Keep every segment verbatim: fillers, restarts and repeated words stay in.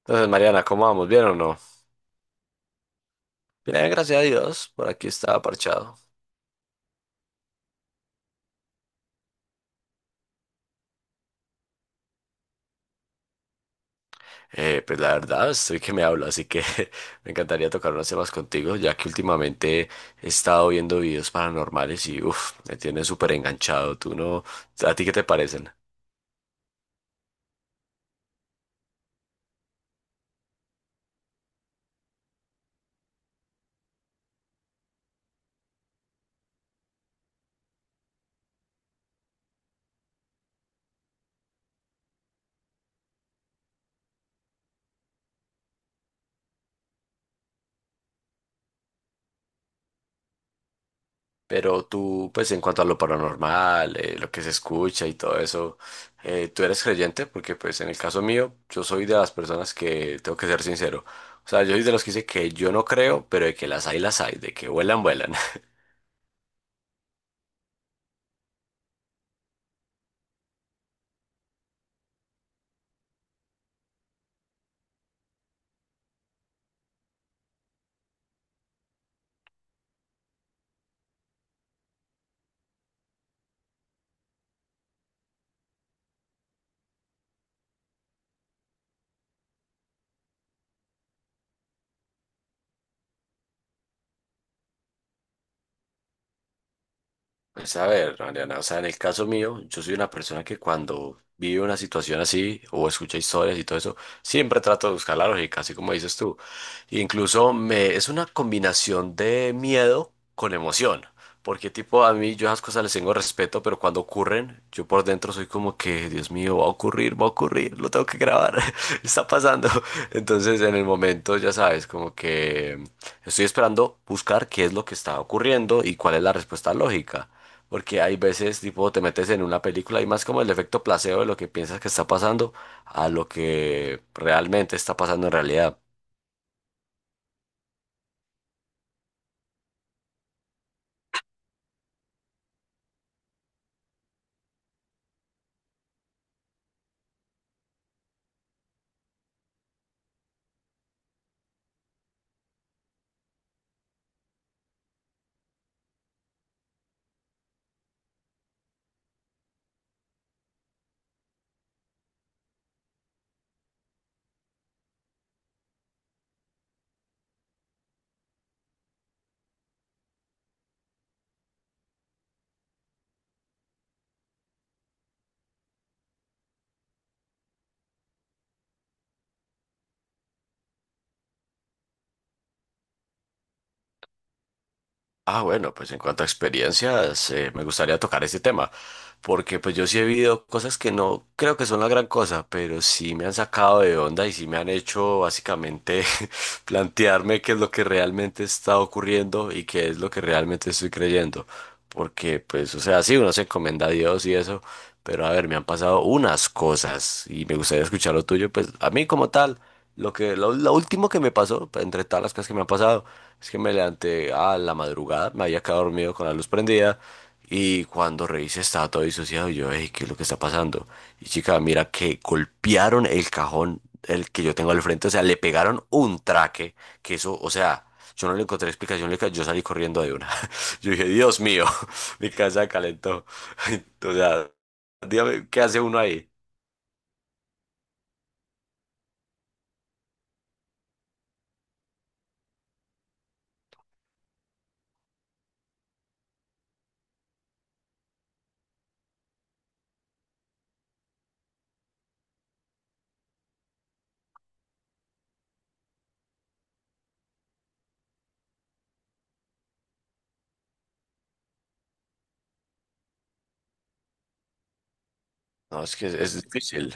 Entonces, Mariana, ¿cómo vamos? ¿Bien o no? Bien, gracias a Dios, por aquí estaba parchado. Eh, pues la verdad, estoy que me hablo, así que me encantaría tocar unos temas contigo, ya que últimamente he estado viendo videos paranormales y uff, me tienes súper enganchado. ¿Tú no? ¿A ti qué te parecen? Pero tú, pues en cuanto a lo paranormal, eh, lo que se escucha y todo eso, eh, ¿tú eres creyente? Porque pues en el caso mío, yo soy de las personas que, tengo que ser sincero, o sea, yo soy de los que dice que yo no creo, pero de que las hay, las hay, de que vuelan, vuelan. Pues a ver, Mariana, o sea, en el caso mío, yo soy una persona que cuando vive una situación así o escucha historias y todo eso, siempre trato de buscar la lógica, así como dices tú. Incluso me, es una combinación de miedo con emoción, porque tipo a mí yo esas cosas les tengo respeto, pero cuando ocurren, yo por dentro soy como que, Dios mío, va a ocurrir, va a ocurrir, lo tengo que grabar, está pasando. Entonces en el momento, ya sabes, como que estoy esperando buscar qué es lo que está ocurriendo y cuál es la respuesta lógica. Porque hay veces, tipo, te metes en una película y más como el efecto placebo de lo que piensas que está pasando a lo que realmente está pasando en realidad. Ah, bueno, pues en cuanto a experiencias, eh, me gustaría tocar ese tema, porque pues yo sí he vivido cosas que no creo que son la gran cosa, pero sí me han sacado de onda y sí me han hecho básicamente plantearme qué es lo que realmente está ocurriendo y qué es lo que realmente estoy creyendo, porque pues, o sea, sí, uno se encomienda a Dios y eso, pero a ver, me han pasado unas cosas y me gustaría escuchar lo tuyo, pues a mí como tal. Lo que, lo, lo último que me pasó, pues, entre todas las cosas que me han pasado, es que me levanté a la madrugada, me había quedado dormido con la luz prendida y cuando revisé estaba todo disociado y yo, hey, ¿qué es lo que está pasando? Y chica, mira que golpearon el cajón, el que yo tengo al frente, o sea, le pegaron un traque, que eso, o sea, yo no le encontré explicación, le ca- yo salí corriendo de una. Yo dije, Dios mío, mi casa calentó. O sea, dígame, ¿qué hace uno ahí? No, es que es es difícil.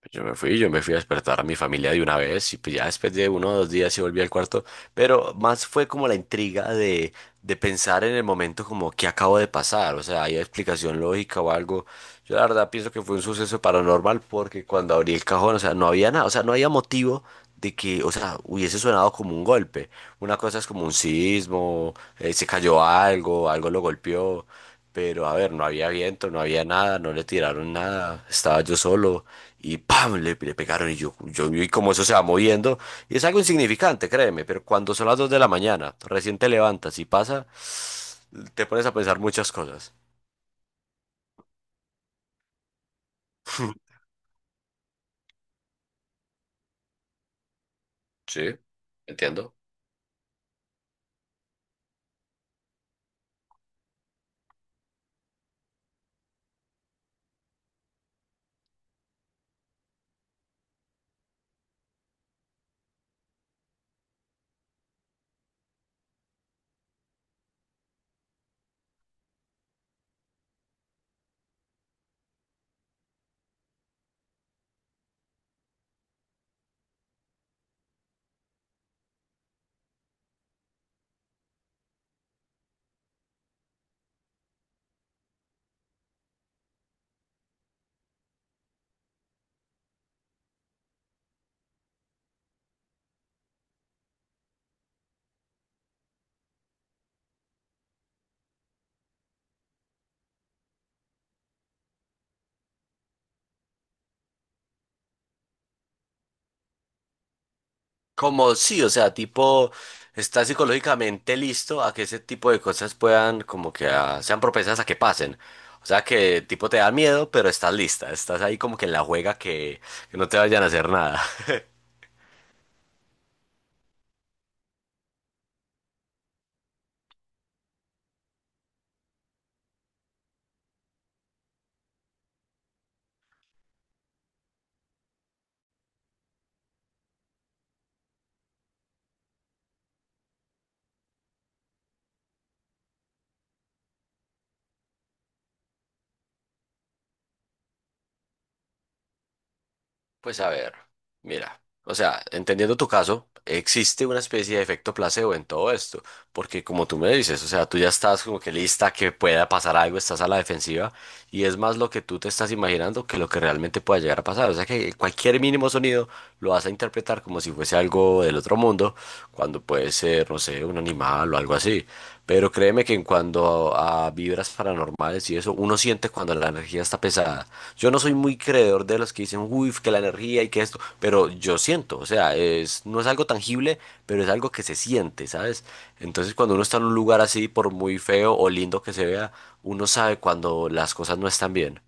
Pues yo me fui, yo me fui a despertar a mi familia de una vez y pues ya después de uno o dos días sí volví al cuarto, pero más fue como la intriga de, de pensar en el momento como qué acabo de pasar, o sea, hay explicación lógica o algo. Yo la verdad pienso que fue un suceso paranormal porque cuando abrí el cajón, o sea, no había nada, o sea, no había motivo de que, o sea, hubiese sonado como un golpe. Una cosa es como un sismo, eh, se cayó algo, algo lo golpeó, pero a ver, no había viento, no había nada, no le tiraron nada, estaba yo solo. Y ¡pam! Le, le pegaron y yo, yo vi cómo eso se va moviendo. Y es algo insignificante, créeme, pero cuando son las dos de la mañana, recién te levantas y pasa, te pones a pensar muchas cosas. Sí, entiendo. Como sí, o sea, tipo, estás psicológicamente listo a que ese tipo de cosas puedan, como que ah, sean propensas a que pasen. O sea, que tipo te da miedo, pero estás lista, estás ahí como que en la juega que, que no te vayan a hacer nada. Pues a ver, mira, o sea, entendiendo tu caso, existe una especie de efecto placebo en todo esto, porque como tú me dices, o sea, tú ya estás como que lista a que pueda pasar algo, estás a la defensiva, y es más lo que tú te estás imaginando que lo que realmente pueda llegar a pasar. O sea que cualquier mínimo sonido lo vas a interpretar como si fuese algo del otro mundo, cuando puede ser, no sé, un animal o algo así. Pero créeme que en cuanto a, a vibras paranormales y eso, uno siente cuando la energía está pesada. Yo no soy muy creedor de los que dicen, uy, que la energía y que esto, pero yo siento, o sea, es, no es algo tangible, pero es algo que se siente, ¿sabes? Entonces cuando uno está en un lugar así, por muy feo o lindo que se vea, uno sabe cuando las cosas no están bien.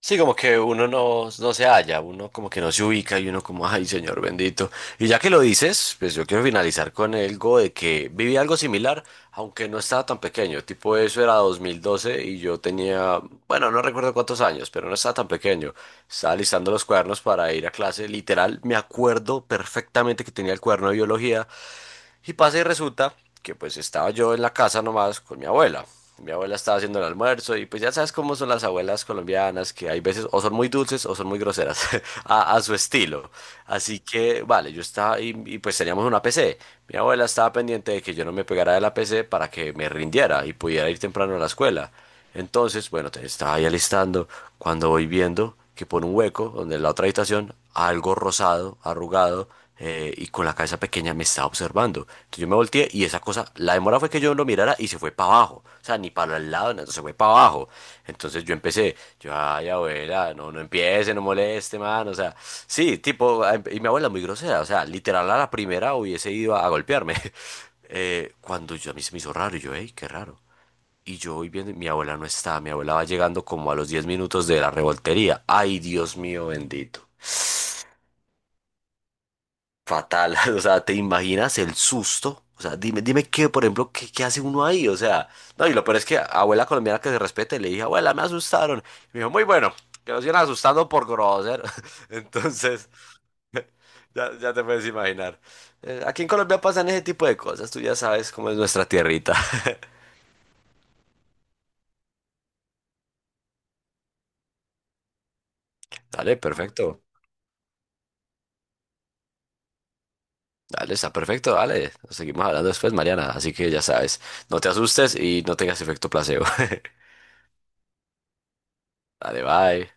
Sí, como que uno no, no se halla, uno como que no se ubica y uno como, ay, señor bendito. Y ya que lo dices, pues yo quiero finalizar con algo de que viví algo similar, aunque no estaba tan pequeño. Tipo, eso era dos mil doce y yo tenía, bueno, no recuerdo cuántos años, pero no estaba tan pequeño. Estaba listando los cuadernos para ir a clase. Literal, me acuerdo perfectamente que tenía el cuaderno de biología. Y pasa y resulta que pues estaba yo en la casa nomás con mi abuela. Mi abuela estaba haciendo el almuerzo y pues ya sabes cómo son las abuelas colombianas, que hay veces o son muy dulces o son muy groseras a, a su estilo. Así que, vale, yo estaba y, y, pues teníamos una P C. Mi abuela estaba pendiente de que yo no me pegara de la P C para que me rindiera y pudiera ir temprano a la escuela. Entonces, bueno, te- estaba ahí alistando cuando voy viendo que por un hueco, donde en la otra habitación, algo rosado, arrugado eh, y con la cabeza pequeña me estaba observando. Entonces yo me volteé y esa cosa, la demora fue que yo lo mirara y se fue para abajo. O sea, ni para el lado, no, se fue para abajo. Entonces yo empecé, yo, ay, abuela, no, no empiece, no moleste, man. O sea, sí, tipo, em- y mi abuela muy grosera. O sea, literal a la primera hubiese ido a, a golpearme. Eh, cuando yo a mí se me hizo raro, y yo, hey, qué raro. Y yo voy viendo, y mi abuela no está, mi abuela va llegando como a los diez minutos de la revoltería. Ay, Dios mío bendito. Fatal, o sea, ¿te imaginas el susto? O sea, dime, dime qué, por ejemplo, qué, qué hace uno ahí, o sea, no, y lo peor es que abuela colombiana que se respete, le dije, abuela, me asustaron. Y me dijo, muy bueno, que nos iban asustando por grosero. Entonces, ya, ya te puedes imaginar. Eh, aquí en Colombia pasan ese tipo de cosas, tú ya sabes cómo es nuestra tierrita. Dale, perfecto. Dale, está perfecto, dale. Nos seguimos hablando después, Mariana. Así que ya sabes, no te asustes y no tengas efecto placebo. Dale, bye.